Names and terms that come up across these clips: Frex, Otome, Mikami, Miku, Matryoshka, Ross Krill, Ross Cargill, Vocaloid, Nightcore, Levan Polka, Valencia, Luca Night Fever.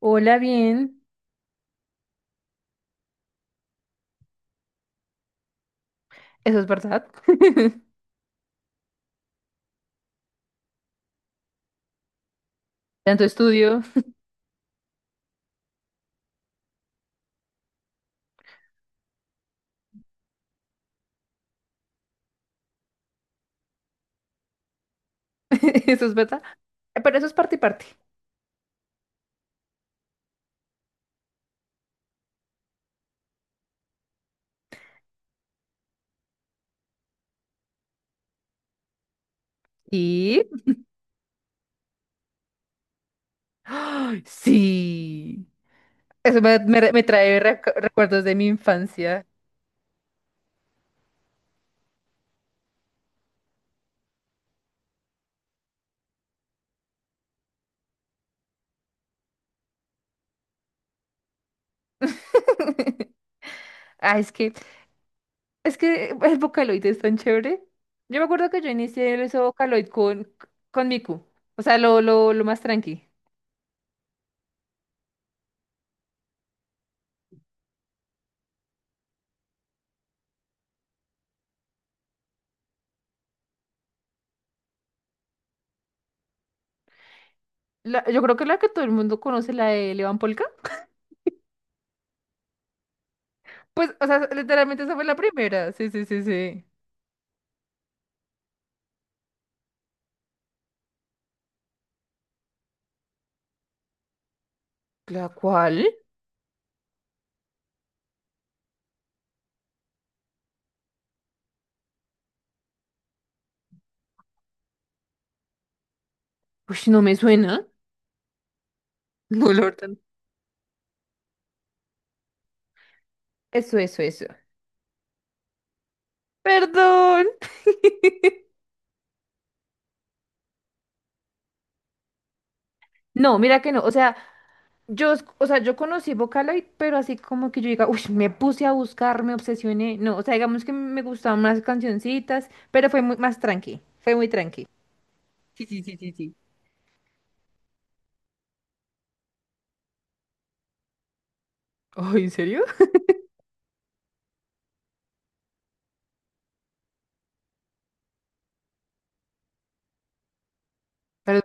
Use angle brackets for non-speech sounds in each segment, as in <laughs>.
Hola, bien. Eso es verdad. <laughs> Tanto estudio. <laughs> Eso es verdad. Pero eso es parte y parte. Y... ¡Ay, sí! Eso me trae recuerdos de mi infancia. <laughs> Ah, es que el Vocaloid es tan chévere. Yo me acuerdo que yo inicié ese Vocaloid con Miku. O sea, lo más tranqui. Yo creo que la que todo el mundo conoce, la de Levan Polka. <laughs> Pues, o sea, literalmente esa fue la primera. Sí, sí, sí, sí. ¿La cual? Uy, no me suena. <laughs> No, la verdad, no. Eso, eso, eso. Perdón. <laughs> No, mira que no, o sea, yo, o sea, yo conocí Vocaloid, pero así como que yo diga, uy, me puse a buscar, me obsesioné, no, o sea, digamos que me gustaban más cancioncitas, pero fue muy, más tranqui, fue muy tranqui. Sí, sí, sí, sí, sí. Ay, ¿en serio? Pero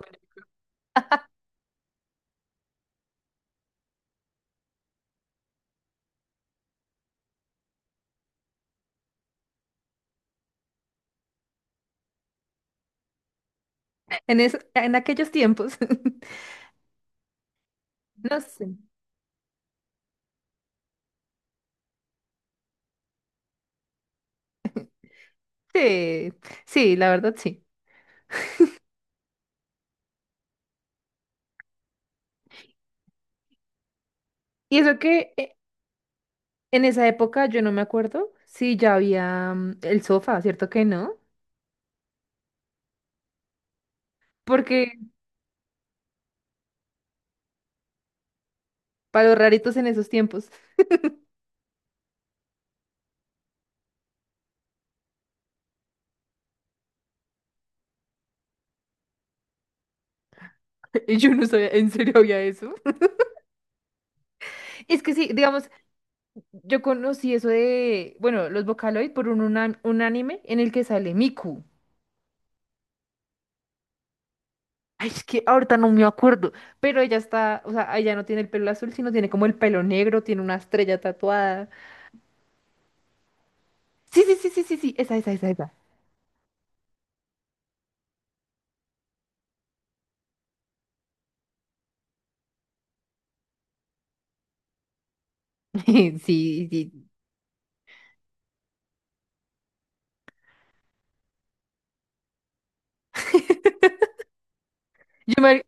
en aquellos tiempos, <laughs> no sé, sí, sí, la verdad sí. Y eso que en esa época yo no me acuerdo si ya había el sofá, ¿cierto que no? Porque para los raritos en esos tiempos, <laughs> yo no sabía, en serio había eso. Es que sí, digamos, yo conocí eso de, bueno, los Vocaloid por un anime en el que sale Miku. Ay, es que ahorita no me acuerdo, pero ella está, o sea, ella no tiene el pelo azul, sino tiene como el pelo negro, tiene una estrella tatuada. Sí, sí, sí, sí, sí, sí, esa, esa, esa, esa. <laughs> Sí, sí. <laughs> Yo me,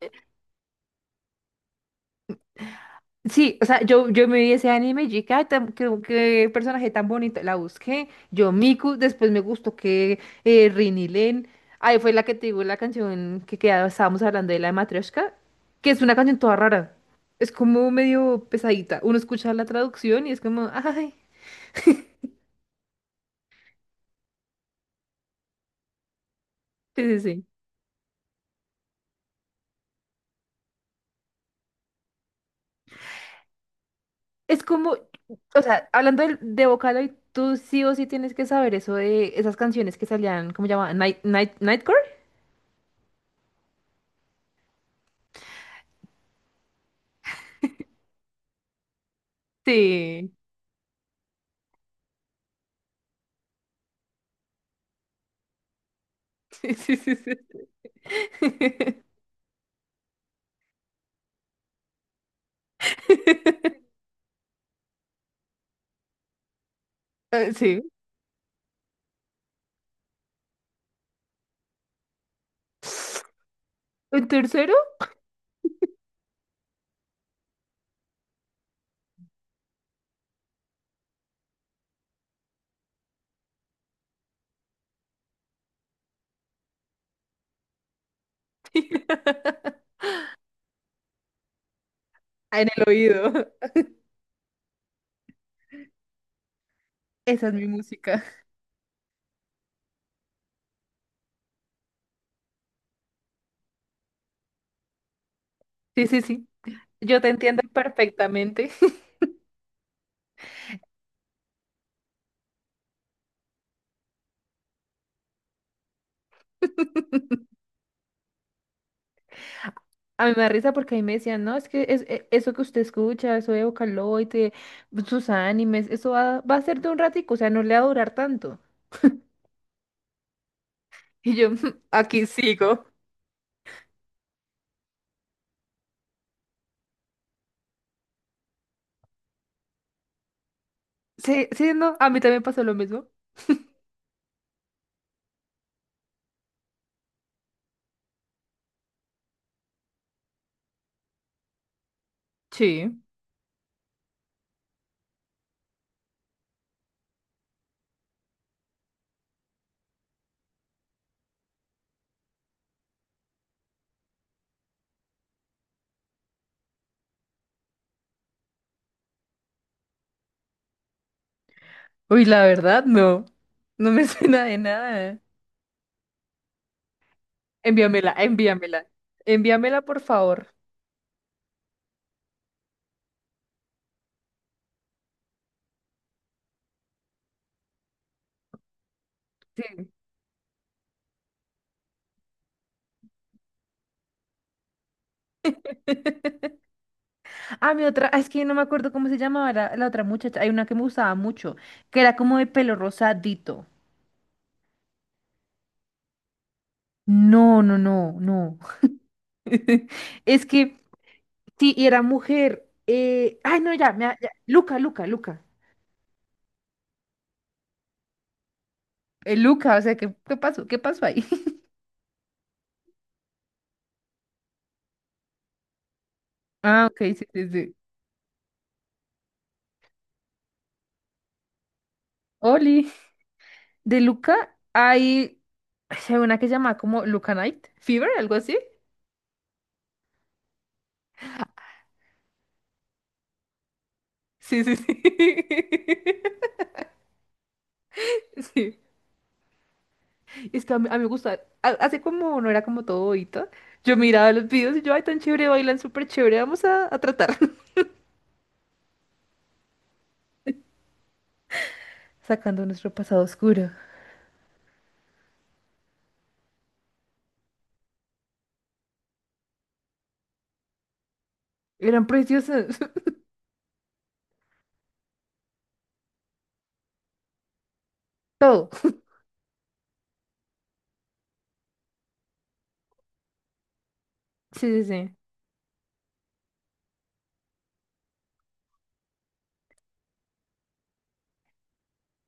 Sí, o sea, yo me vi ese anime y dije, ay, qué personaje tan bonito. La busqué, yo Miku, después me gustó que Rini Len. Ahí fue la que te digo la canción que quedaba, estábamos hablando de la de Matryoshka, que es una canción toda rara. Es como medio pesadita. Uno escucha la traducción y es como, ay, sí, sí, sí. Es como, o sea, hablando de Vocaloid, tú sí o sí tienes que saber eso de esas canciones que salían, ¿cómo llamaban? Nightcore. Sí, <laughs> sí, sí, sí. Sí. <laughs> <laughs> Sí. ¿Un tercero? <laughs> En el oído. Esa es mi música. Sí, sí, sí. Yo te entiendo perfectamente. <laughs> A mí me da risa porque a mí me decían, no, es que eso que usted escucha, eso de Vocaloid, sus animes, eso va a ser de un ratico, o sea, no le va a durar tanto. Y yo, <laughs> aquí sigo. Sí, sí, no, a mí también pasó lo mismo. Sí. Uy, la verdad, no. No me <laughs> suena de nada. Envíamela, envíamela. Envíamela, por favor. Sí. <laughs> Ah, es que no me acuerdo cómo se llamaba la otra muchacha. Hay una que me gustaba mucho, que era como de pelo rosadito. No, no, no, no. <laughs> Es que sí, y era mujer. Ay, no, ya, ya. Luca, Luca, Luca. Luca, o sea, ¿qué pasó? ¿Qué pasó ahí? <laughs> Ah, ok, sí, sí, sí. Oli, de Luca hay, hay una que se llama como Luca Night Fever, algo así. Sí, sí, sí. <laughs> Sí. Es que a mí me gusta, así como no era como todo bobita, yo miraba los videos y yo, ay, tan chévere, bailan súper chévere, vamos a tratar. <laughs> Sacando nuestro pasado oscuro. Eran preciosos, <laughs> todo. Sí, sí, sí.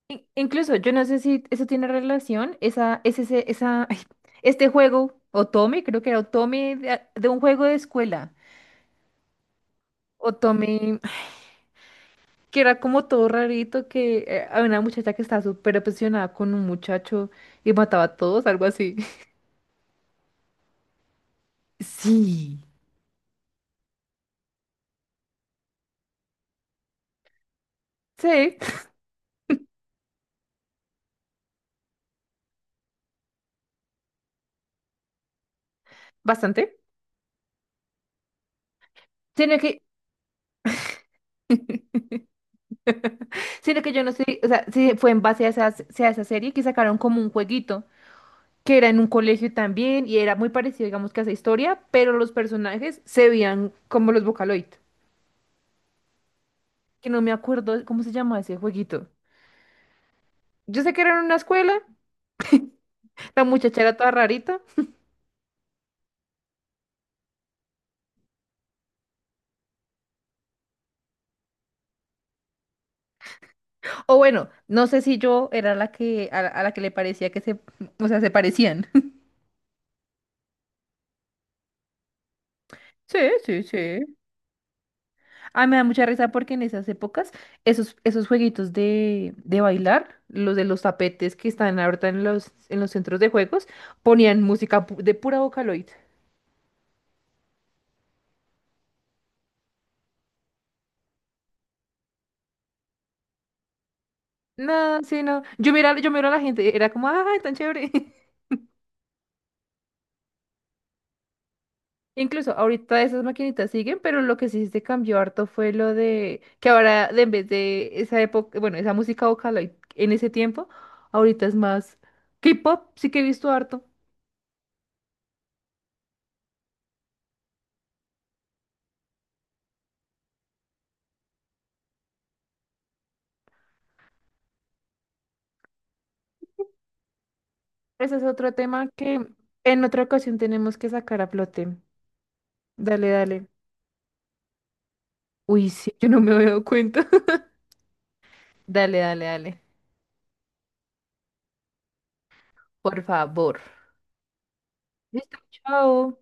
Incluso, yo no sé si eso tiene relación, esa, es ese, esa, <laughs> ay, este juego, Otome, creo que era Otome de un juego de escuela. Otome, ay, que era como todo rarito, que había una muchacha que estaba súper obsesionada con un muchacho y mataba a todos, algo así. <laughs> Sí. Sí, bastante. Sino que, <laughs> Sino que yo no sé, o sea, si fue en base a esa serie que sacaron como un jueguito, que era en un colegio también, y era muy parecido, digamos, que a esa historia, pero los personajes se veían como los Vocaloid, que no me acuerdo cómo se llamaba ese jueguito. Yo sé que era en una escuela, la muchacha era toda rarita, o bueno, no sé si yo era la que, a la que le parecía que o sea, se parecían. <laughs> Sí, sí, sí. Ah, me da mucha risa porque en esas épocas, esos jueguitos de bailar, los de los tapetes que están ahorita en los centros de juegos, ponían música de pura Vocaloid. No, sí, no. Yo mira, yo miro a la gente, era como, ¡ay, tan chévere! <laughs> Incluso ahorita esas maquinitas siguen, pero lo que sí se cambió harto fue lo de que ahora, en vez de esa época, bueno, esa música Vocaloid en ese tiempo, ahorita es más K-pop, sí que he visto harto. Ese es otro tema que en otra ocasión tenemos que sacar a flote. Dale, dale. Uy, sí, yo no me había dado cuenta. <laughs> Dale, dale, dale. Por favor. Listo, chao.